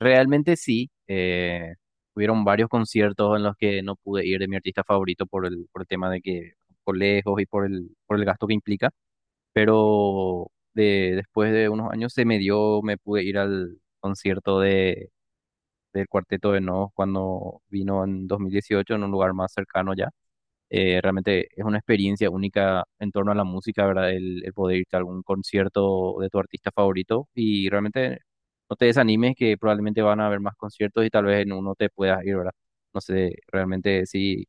Realmente sí. Hubieron varios conciertos en los que no pude ir de mi artista favorito por el tema de que por lejos y por el gasto que implica. Pero después de unos años se me dio, me pude ir al concierto del Cuarteto de Nos cuando vino en 2018 en un lugar más cercano ya. Realmente es una experiencia única en torno a la música, ¿verdad? El poder irte a algún concierto de tu artista favorito y realmente no te desanimes, que probablemente van a haber más conciertos y tal vez en uno te puedas ir, ¿verdad? No sé realmente si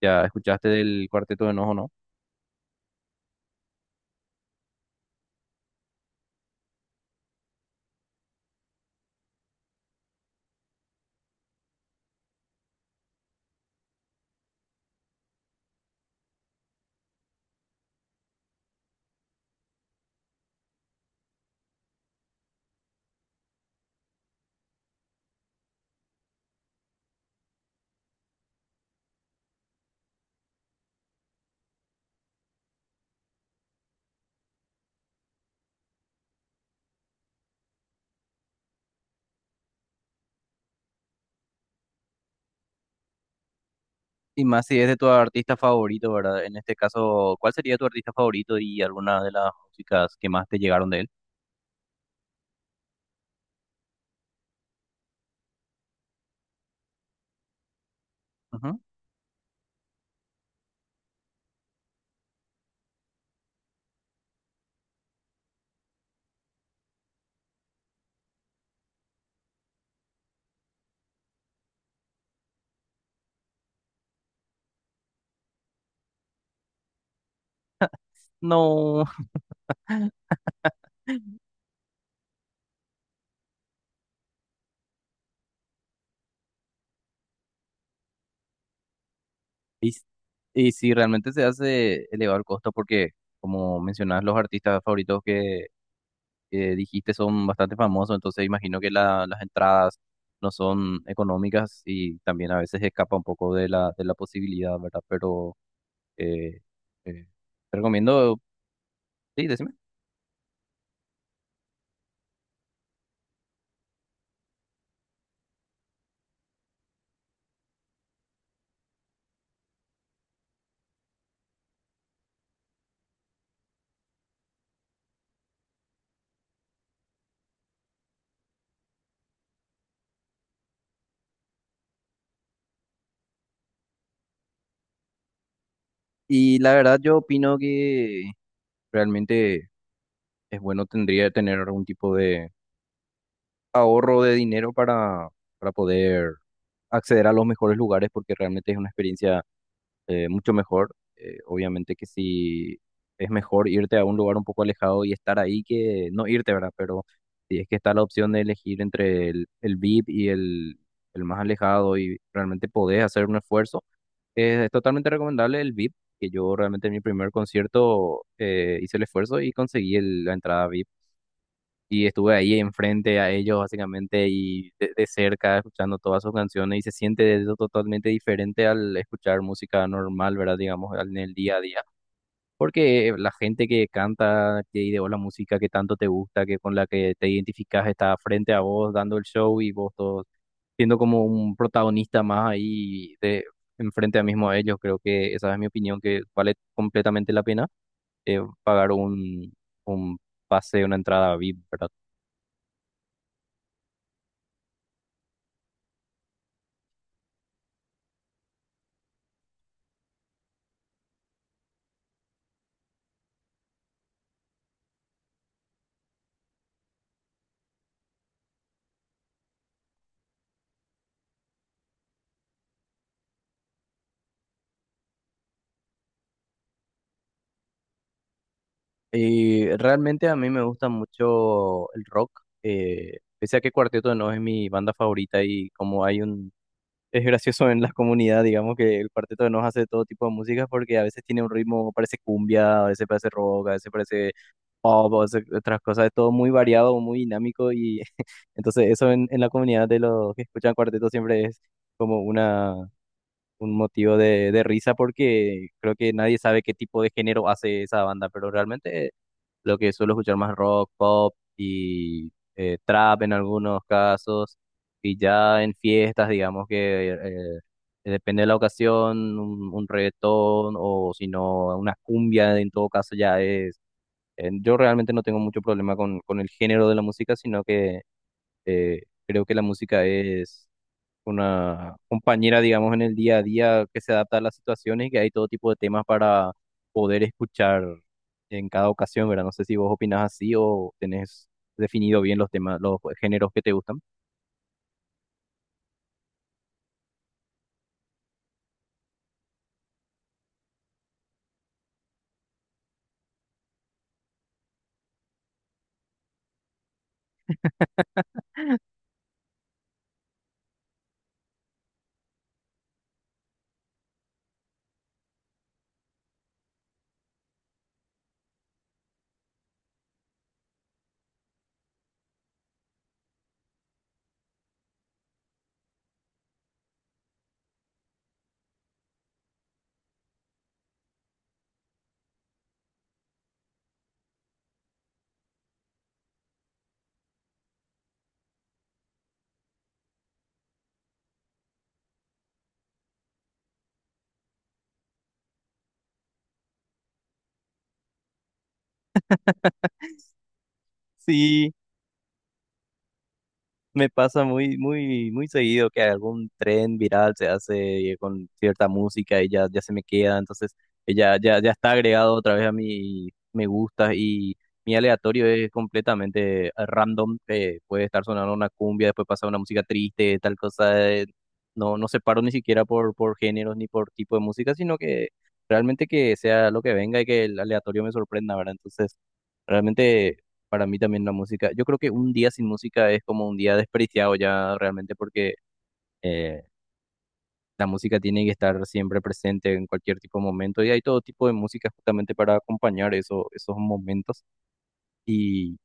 ya escuchaste del Cuarteto de Nos o no. Y más si es de tu artista favorito, ¿verdad? En este caso, ¿cuál sería tu artista favorito y alguna de las músicas que más te llegaron de él? Ujú. No. Y, s- y si realmente se hace elevado el costo, porque como mencionabas, los artistas favoritos que dijiste son bastante famosos, entonces imagino que la- las entradas no son económicas y también a veces escapa un poco de la posibilidad, ¿verdad? Pero eh, eh, te recomiendo, sí, decime. Y la verdad yo opino que realmente es bueno, tendría que tener algún tipo de ahorro de dinero para poder acceder a los mejores lugares, porque realmente es una experiencia mucho mejor. Obviamente que sí, es mejor irte a un lugar un poco alejado y estar ahí que no irte, ¿verdad? Pero si es que está la opción de elegir entre el VIP y el más alejado, y realmente podés hacer un esfuerzo, es totalmente recomendable el VIP. Que yo realmente en mi primer concierto hice el esfuerzo y conseguí el- la entrada VIP, y estuve ahí enfrente a ellos básicamente y de cerca escuchando todas sus canciones, y se siente eso totalmente diferente al escuchar música normal, ¿verdad? Digamos, al- en el día a día. Porque la gente que canta, que ideó la música que tanto te gusta, que con la que te identificas, está frente a vos dando el show, y vos todos siendo como un protagonista más ahí de enfrente a mismo a ellos. Creo que esa es mi opinión, que vale completamente la pena pagar un pase, una entrada VIP, ¿verdad? Y realmente a mí me gusta mucho el rock, pese a que Cuarteto no es mi banda favorita y como hay un... Es gracioso en la comunidad, digamos, que el Cuarteto de Nos hace todo tipo de música, porque a veces tiene un ritmo, parece cumbia, a veces parece rock, a veces parece pop, a veces otras cosas, es todo muy variado, muy dinámico y entonces eso en la comunidad de los que escuchan Cuarteto siempre es como una, un motivo de risa, porque creo que nadie sabe qué tipo de género hace esa banda, pero realmente lo que suelo escuchar más rock, pop y trap en algunos casos. Y ya en fiestas, digamos que eh, depende de la ocasión, un reggaetón o si no, una cumbia en todo caso ya es... Yo realmente no tengo mucho problema con el género de la música, sino que eh, creo que la música es una compañera, digamos, en el día a día, que se adapta a las situaciones y que hay todo tipo de temas para poder escuchar en cada ocasión, ¿verdad? No sé si vos opinás así o tenés definido bien los temas, los géneros que te gustan. Sí. Me pasa muy, muy, muy seguido que algún tren viral se hace con cierta música y ya, ya se me queda, entonces ya está agregado otra vez a mi me gusta, y mi aleatorio es completamente random. Puede estar sonando una cumbia, después pasa una música triste, tal cosa. No, no separo ni siquiera por géneros ni por tipo de música, sino que realmente que sea lo que venga y que el aleatorio me sorprenda, ¿verdad? Entonces... realmente para mí también la música, yo creo que un día sin música es como un día desperdiciado ya realmente, porque eh, la música tiene que estar siempre presente en cualquier tipo de momento, y hay todo tipo de música justamente para acompañar eso- esos momentos. Y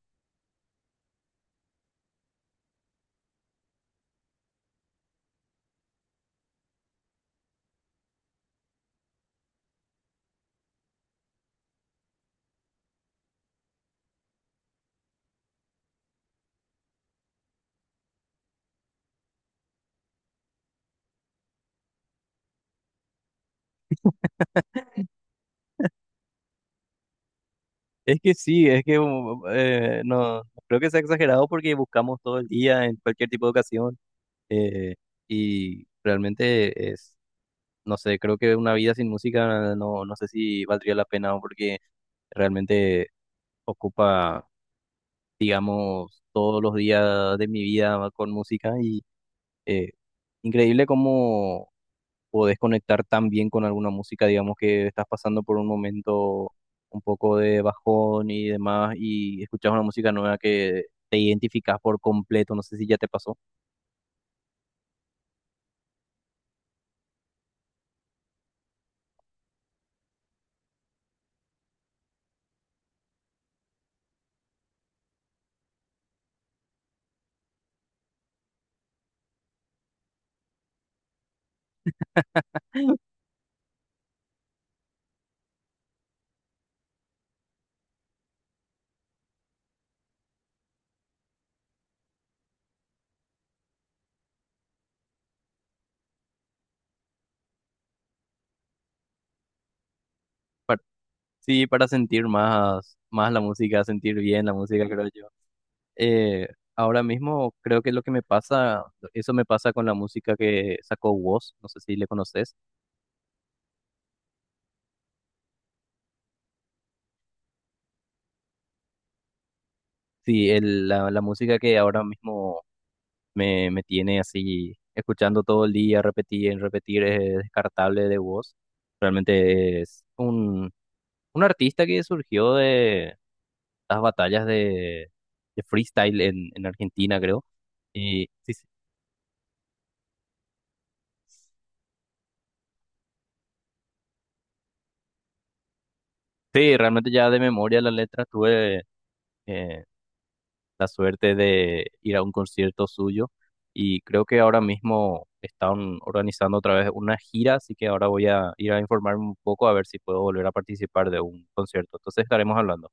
es que sí, es que no creo que sea exagerado, porque buscamos todo el día en cualquier tipo de ocasión. eh, y realmente es, no sé, creo que una vida sin música no, no sé si valdría la pena, porque realmente ocupa, digamos, todos los días de mi vida con música. Y eh, increíble cómo podés conectar tan bien con alguna música, digamos, que estás pasando por un momento un poco de bajón y demás, y escuchas una música nueva que te identificas por completo. No sé si ya te pasó. Par- sí, para sentir más, más la música, sentir bien la música, creo yo. Eh, Ahora mismo creo que lo que me pasa, eso me pasa con la música que sacó Woz, no sé si le conoces. Sí, el- la música que ahora mismo me, me tiene así escuchando todo el día, repetir, en repetir, es descartable de voz. Realmente es un artista que surgió de las batallas de freestyle en Argentina, creo. Y sí, realmente ya de memoria la letra estuve eh, la suerte de ir a un concierto suyo. Y creo que ahora mismo están organizando otra vez una gira, así que ahora voy a ir a informarme un poco a ver si puedo volver a participar de un concierto. Entonces estaremos hablando.